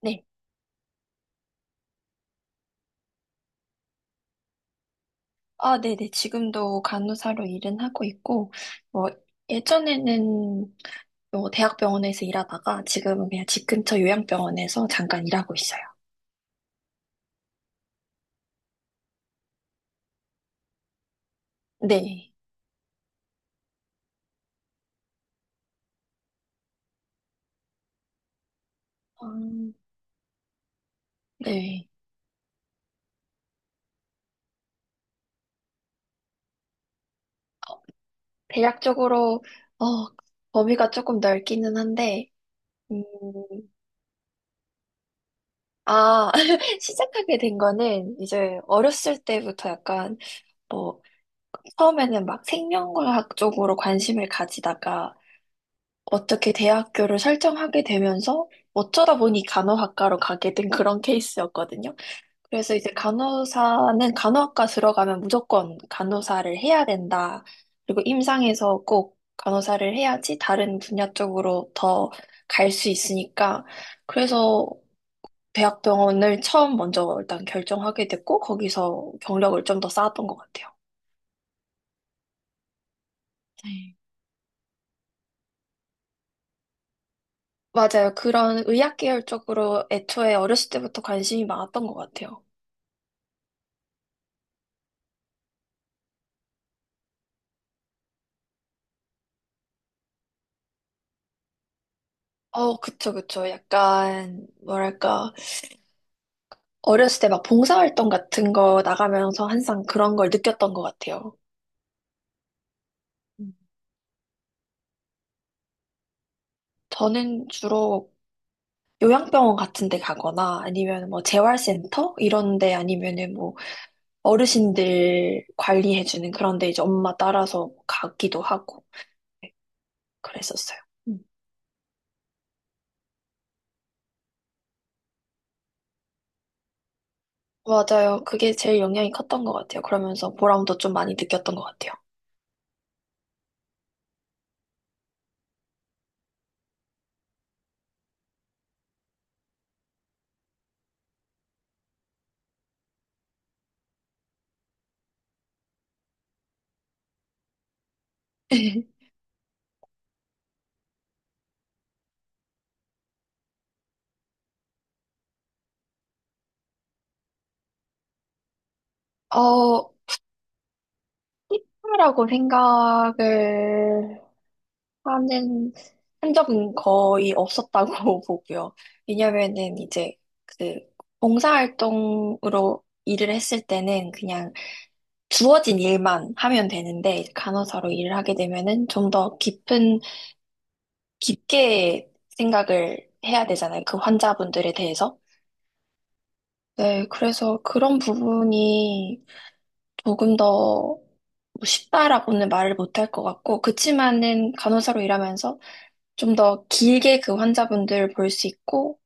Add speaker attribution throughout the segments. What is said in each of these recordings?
Speaker 1: 네. 아, 네네. 지금도 간호사로 일은 하고 있고, 뭐, 예전에는 뭐 대학병원에서 일하다가 지금은 그냥 집 근처 요양병원에서 잠깐 일하고 있어요. 네. 음, 네. 대략적으로, 어, 범위가 조금 넓기는 한데, 음, 아, 시작하게 된 거는 이제 어렸을 때부터 약간, 뭐, 처음에는 막 생명과학 쪽으로 관심을 가지다가, 어떻게 대학교를 설정하게 되면서 어쩌다 보니 간호학과로 가게 된 그런 케이스였거든요. 그래서 이제 간호사는 간호학과 들어가면 무조건 간호사를 해야 된다. 그리고 임상에서 꼭 간호사를 해야지 다른 분야 쪽으로 더 갈 수 있으니까. 그래서 대학병원을 처음 먼저 일단 결정하게 됐고, 거기서 경력을 좀 더 쌓았던 것 같아요. 네. 맞아요. 그런 의학 계열 쪽으로 애초에 어렸을 때부터 관심이 많았던 것 같아요. 어, 그쵸, 그쵸. 약간, 뭐랄까, 어렸을 때 막 봉사활동 같은 거 나가면서 항상 그런 걸 느꼈던 것 같아요. 음. 저는 주로 요양병원 같은 데 가거나 아니면 뭐 재활센터? 이런 데 아니면은 뭐 어르신들 관리해주는 그런 데 이제 엄마 따라서 가기도 하고 네, 그랬었어요. 맞아요. 그게 제일 영향이 컸던 것 같아요. 그러면서 보람도 좀 많이 느꼈던 것 같아요. 어, 희귀라고 생각을 하는 한 적은 거의 없었다고 보고요. 왜냐면은 이제 그 봉사활동으로 일을 했을 때는 그냥 주어진 일만 하면 되는데 이제 간호사로 일을 하게 되면은 좀 더 깊은 깊게 생각을 해야 되잖아요. 그 환자분들에 대해서. 네, 그래서 그런 부분이 조금 더 뭐 쉽다라고는 말을 못할 것 같고 그치만은 간호사로 일하면서 좀 더 길게 그 환자분들을 볼 수 있고,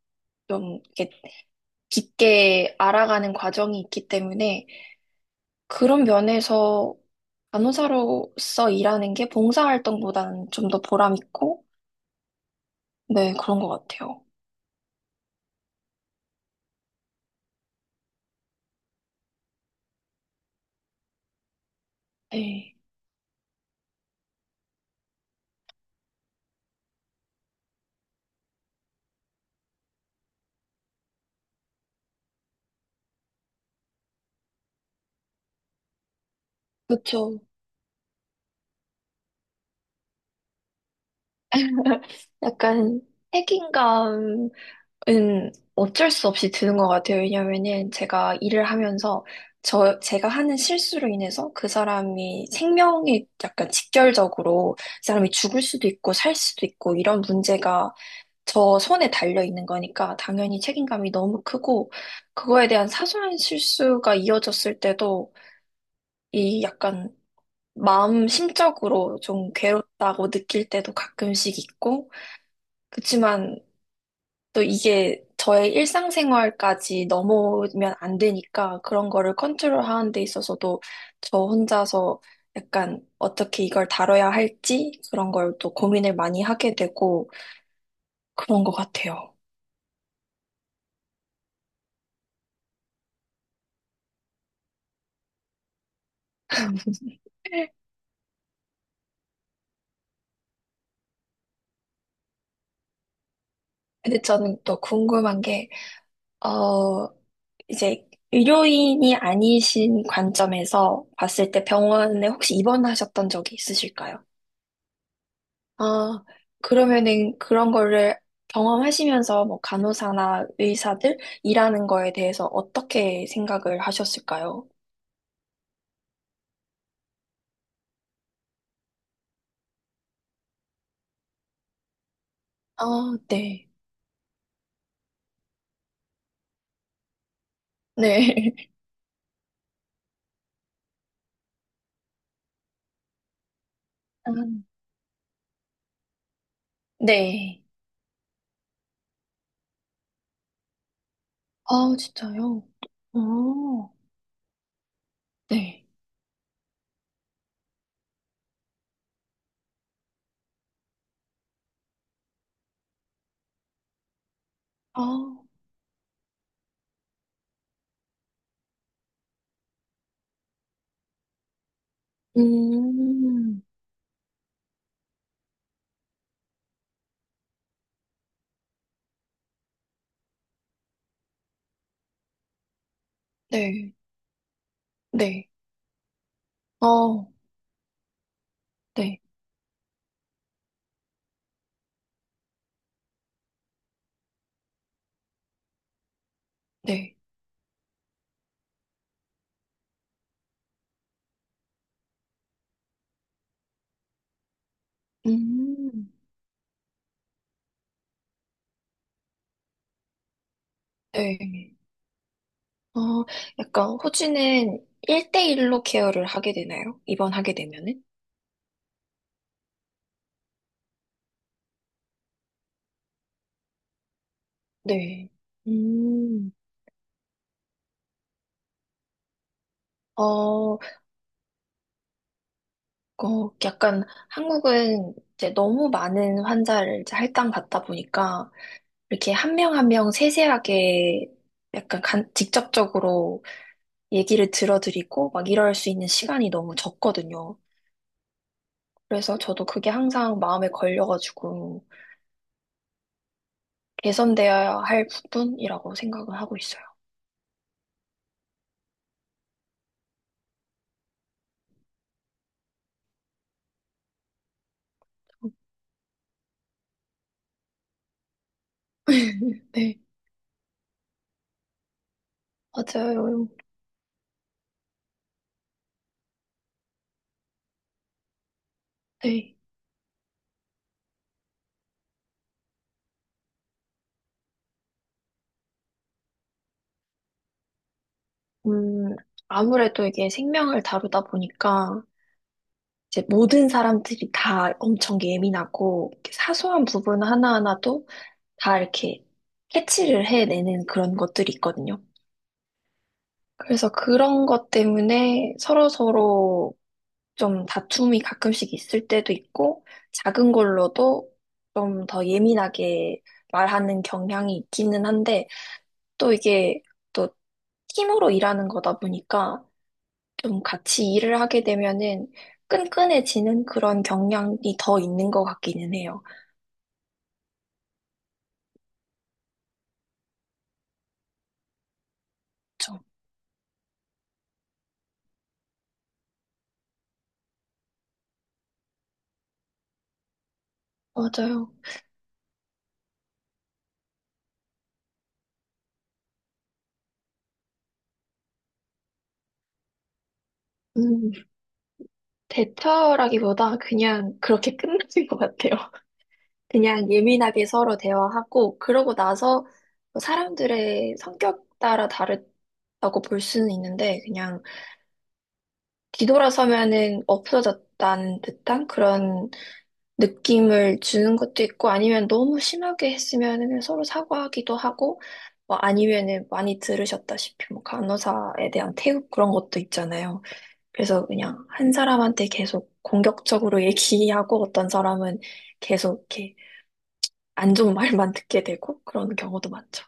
Speaker 1: 좀 이렇게 깊게 알아가는 과정이 있기 때문에 그런 면에서 간호사로서 일하는 게 봉사활동보다는 좀 더 보람 있고, 네, 그런 것 같아요. 네. 그렇죠. 약간 책임감 은 어쩔 수 없이 드는 것 같아요. 왜냐면은 제가 일을 하면서 제가 하는 실수로 인해서 그 사람이 생명에 약간 직결적으로 그 사람이 죽을 수도 있고 살 수도 있고 이런 문제가 저 손에 달려 있는 거니까 당연히 책임감이 너무 크고 그거에 대한 사소한 실수가 이어졌을 때도 이 약간 마음 심적으로 좀 괴롭다고 느낄 때도 가끔씩 있고 그치만 또 이게 저의 일상생활까지 넘어오면 안 되니까 그런 거를 컨트롤하는 데 있어서도 저 혼자서 약간 어떻게 이걸 다뤄야 할지 그런 걸 또 고민을 많이 하게 되고 그런 것 같아요. 근데 저는 또 궁금한 게, 어, 이제 의료인이 아니신 관점에서 봤을 때 병원에 혹시 입원하셨던 적이 있으실까요? 아, 그러면은 그런 거를 경험하시면서 뭐 간호사나 의사들 일하는 거에 대해서 어떻게 생각을 하셨을까요? 아, 네. 네. 아, 네. 아, 진짜요? 어, 네. 아, 음, 네. 네. 어, 네. 네. 음, 네. 어, 약간 호주는 일대일로 케어를 하게 되나요? 입원하게 되면은? 네. 음. 어, 어, 약간 한국은 이제 너무 많은 환자를 이제 할당 받다 보니까 이렇게 한 명 한 명 세세하게 약간 간- 직접적으로 얘기를 들어드리고 막 이럴 수 있는 시간이 너무 적거든요. 그래서 저도 그게 항상 마음에 걸려가지고 개선되어야 할 부분이라고 생각을 하고 있어요. 네, 맞아요. 네. 음, 아무래도 이게 생명을 다루다 보니까 이제 모든 사람들이 다 엄청 예민하고 이렇게 사소한 부분 하나하나도 다 이렇게 캐치를 해내는 그런 것들이 있거든요. 그래서 그런 것 때문에 서로서로 좀 다툼이 가끔씩 있을 때도 있고, 작은 걸로도 좀 더 예민하게 말하는 경향이 있기는 한데, 또 이게 또 팀으로 일하는 거다 보니까 좀 같이 일을 하게 되면은 끈끈해지는 그런 경향이 더 있는 것 같기는 해요. 그쵸? 맞아요. 음, 대처라기보다 그냥 그렇게 끝나는 것 같아요. 그냥 예민하게 서로 대화하고, 그러고 나서 뭐 사람들의 성격 따라 다르다고 볼 수는 있는데, 그냥 뒤돌아서면은 없어졌다는 듯한 그런 느낌을 주는 것도 있고 아니면 너무 심하게 했으면은 서로 사과하기도 하고 뭐 아니면은 많이 들으셨다시피 뭐 간호사에 대한 태움 그런 것도 있잖아요. 그래서 그냥 한 사람한테 계속 공격적으로 얘기하고 어떤 사람은 계속 이렇게 안 좋은 말만 듣게 되고 그런 경우도 많죠.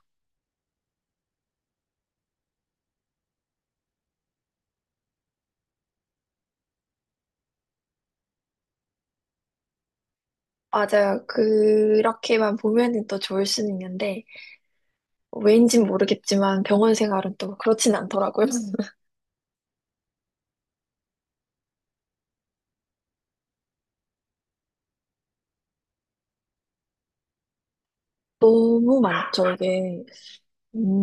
Speaker 1: 맞아요. 그렇게만 보면은 또 좋을 수는 있는데 왜인진 모르겠지만 병원 생활은 또 그렇진 않더라고요. 너무 많죠, 이게. 음,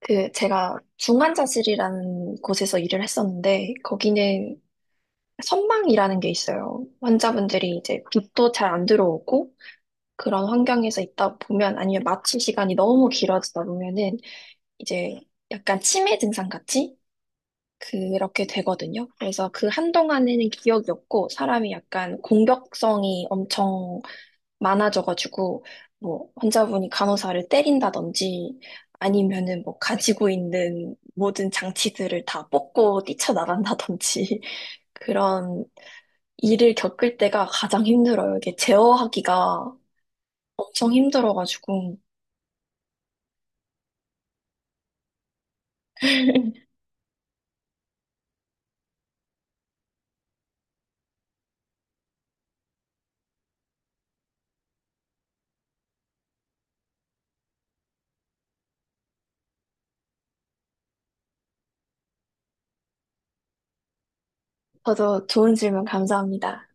Speaker 1: 그 제가 중환자실이라는 곳에서 일을 했었는데 거기는 선망이라는 게 있어요. 환자분들이 이제 빛도 잘 안 들어오고 그런 환경에서 있다 보면 아니면 마취 시간이 너무 길어지다 보면은 이제 약간 치매 증상 같이 그렇게 되거든요. 그래서 그 한동안에는 기억이 없고 사람이 약간 공격성이 엄청 많아져가지고 뭐 환자분이 간호사를 때린다든지 아니면은 뭐 가지고 있는 모든 장치들을 다 뽑고 뛰쳐나간다든지 그런 일을 겪을 때가 가장 힘들어요. 이게 제어하기가 엄청 힘들어가지고 저도 좋은 질문 감사합니다.